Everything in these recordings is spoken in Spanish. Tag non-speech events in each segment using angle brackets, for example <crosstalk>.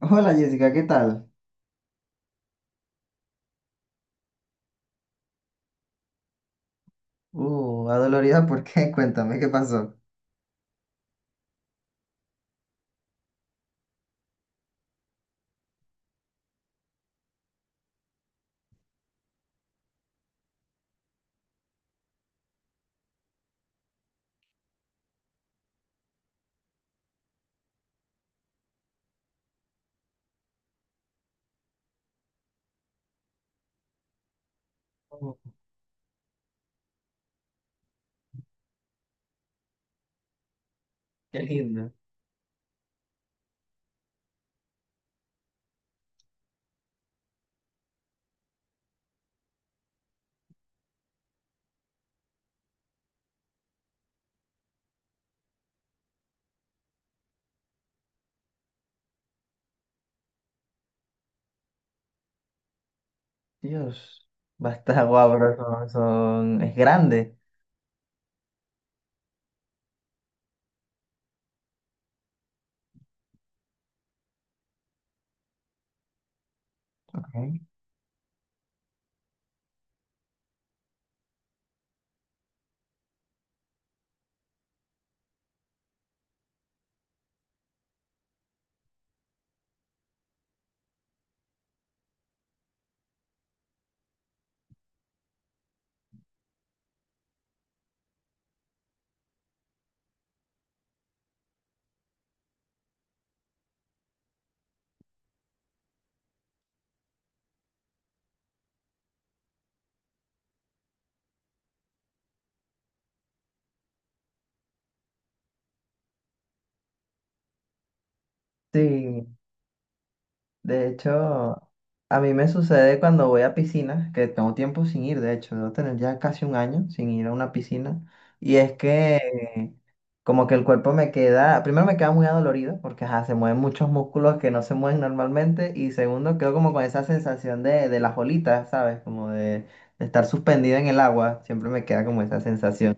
Hola Jessica, ¿qué tal? Adolorida, ¿por qué? <laughs> Cuéntame, ¿qué pasó? Oh, qué lindo. Dios, basta guau, bro, es grande. Ok. Sí, de hecho, a mí me sucede cuando voy a piscinas, que tengo tiempo sin ir, de hecho, debo tener ya casi un año sin ir a una piscina, y es que como que el cuerpo me queda, primero me queda muy adolorido porque ajá, se mueven muchos músculos que no se mueven normalmente y segundo quedo como con esa sensación de las olitas, ¿sabes? Como de estar suspendida en el agua, siempre me queda como esa sensación.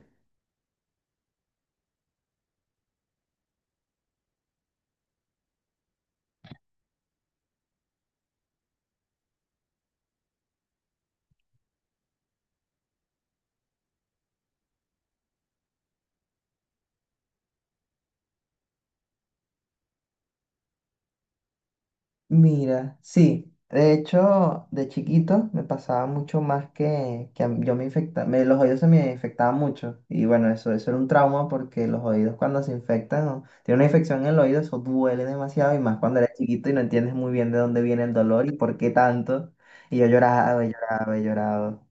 Mira, sí, de hecho, de chiquito me pasaba mucho más yo me infectaba, me, los oídos se me infectaban mucho y bueno, eso era un trauma porque los oídos cuando se infectan, o tiene una infección en el oído, eso duele demasiado y más cuando eres chiquito y no entiendes muy bien de dónde viene el dolor y por qué tanto. Y yo lloraba, y lloraba, y lloraba.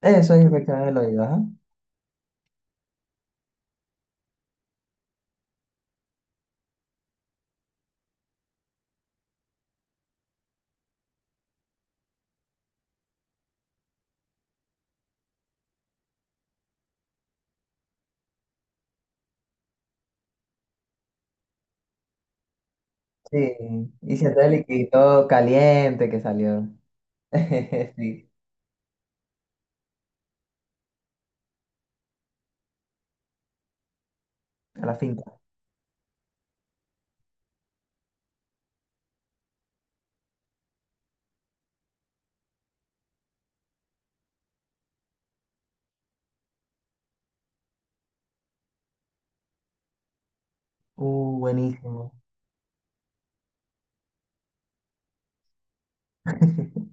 Eso es infección en el oído, ajá. Sí, y siente el liquidito caliente que salió. <laughs> Sí, a la finca. Buenísimo. <laughs>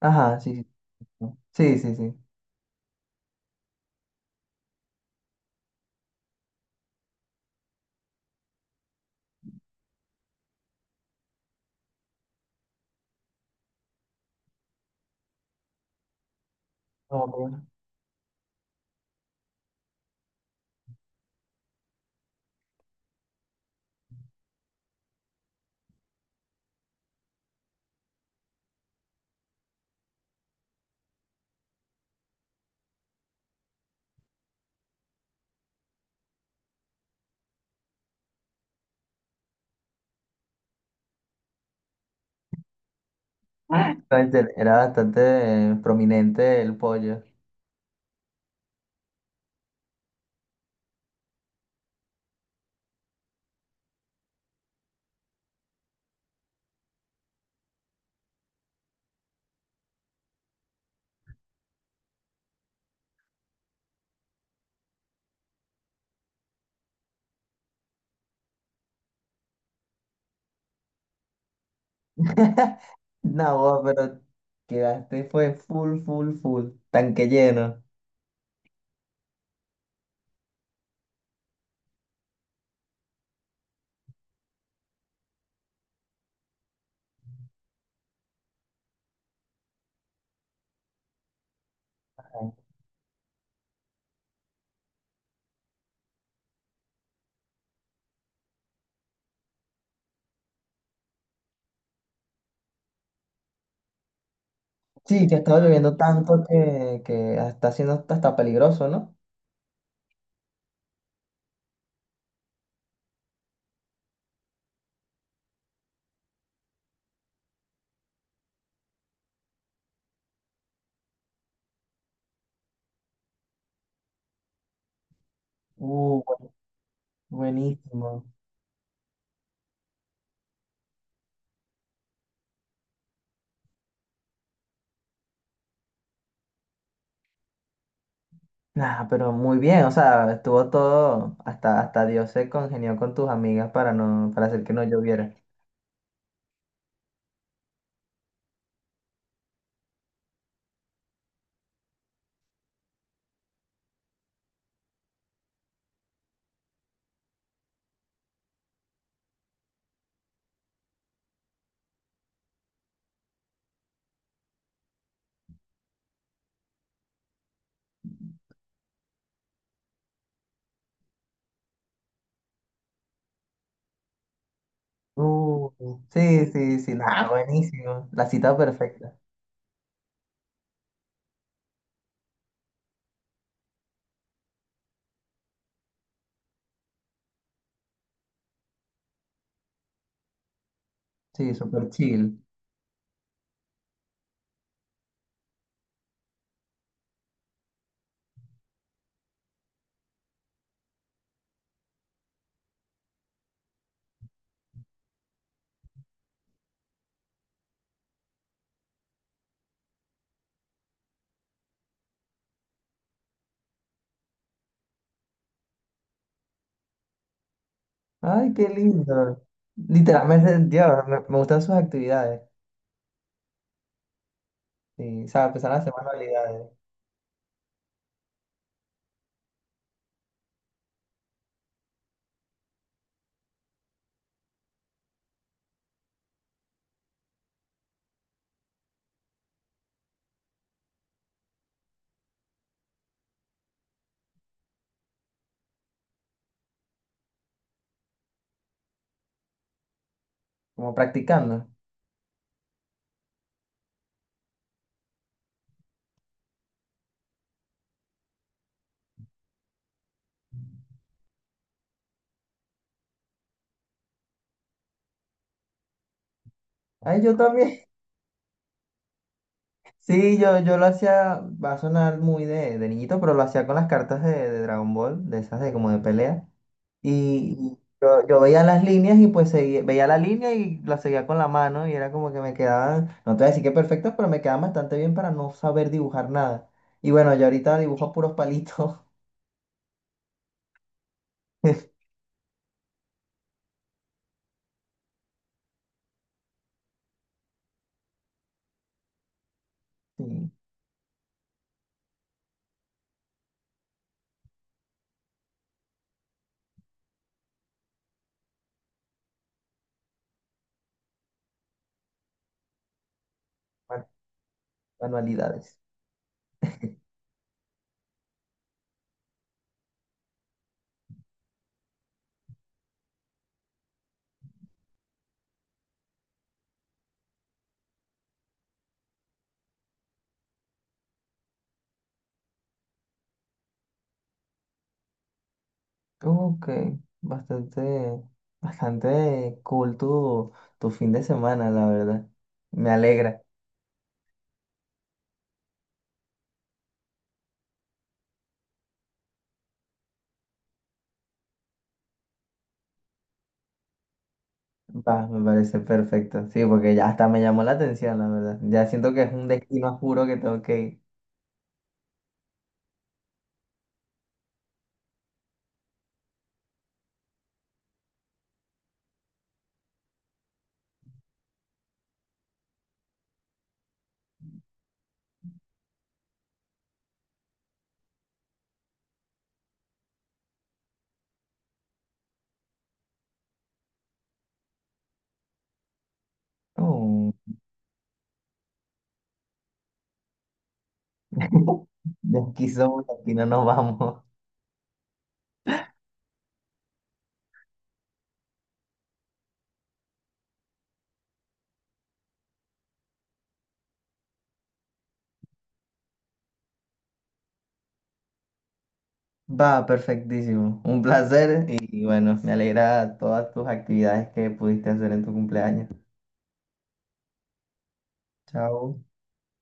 Ajá, sí, sí. ¿No? Sí, sí, sí. No, pues. <laughs> No, este, era bastante prominente el pollo. <laughs> No, vos, pero quedaste, fue full, full, full, tanque lleno. Sí, que estaba lloviendo tanto que está siendo hasta, hasta peligroso, ¿no? uh, bu- Buenísimo. Nah, pero muy bien, o sea, estuvo todo, hasta, hasta Dios se congenió con tus amigas para no, para hacer que no lloviera. Uh, Sí, sí, sí, nada, buenísimo. La cita perfecta. Sí, súper chill. Ay, qué lindo. Literalmente, Dios, me gustan sus actividades. Sí, o sea, empezar la semana habilidades, como practicando. Ay, yo también. <laughs> Sí, yo lo hacía, va a sonar muy de niñito, pero lo hacía con las cartas de Dragon Ball, de esas de como de pelea. Y yo veía las líneas y pues seguía, veía la línea y la seguía con la mano y era como que me quedaban, no te voy a decir que perfectos, pero me quedaban bastante bien para no saber dibujar nada. Y bueno, yo ahorita dibujo puros palitos. <laughs> Sí. Manualidades. Ok, bastante, bastante cool tu fin de semana, la verdad. Me alegra. Va, me parece perfecto. Sí, porque ya hasta me llamó la atención, la verdad. Ya siento que es un destino a juro que tengo que ir. Oh. <laughs> De aquí somos, de aquí no nos vamos. Va, perfectísimo. Un placer y bueno, me alegra todas tus actividades que pudiste hacer en tu cumpleaños. Chao.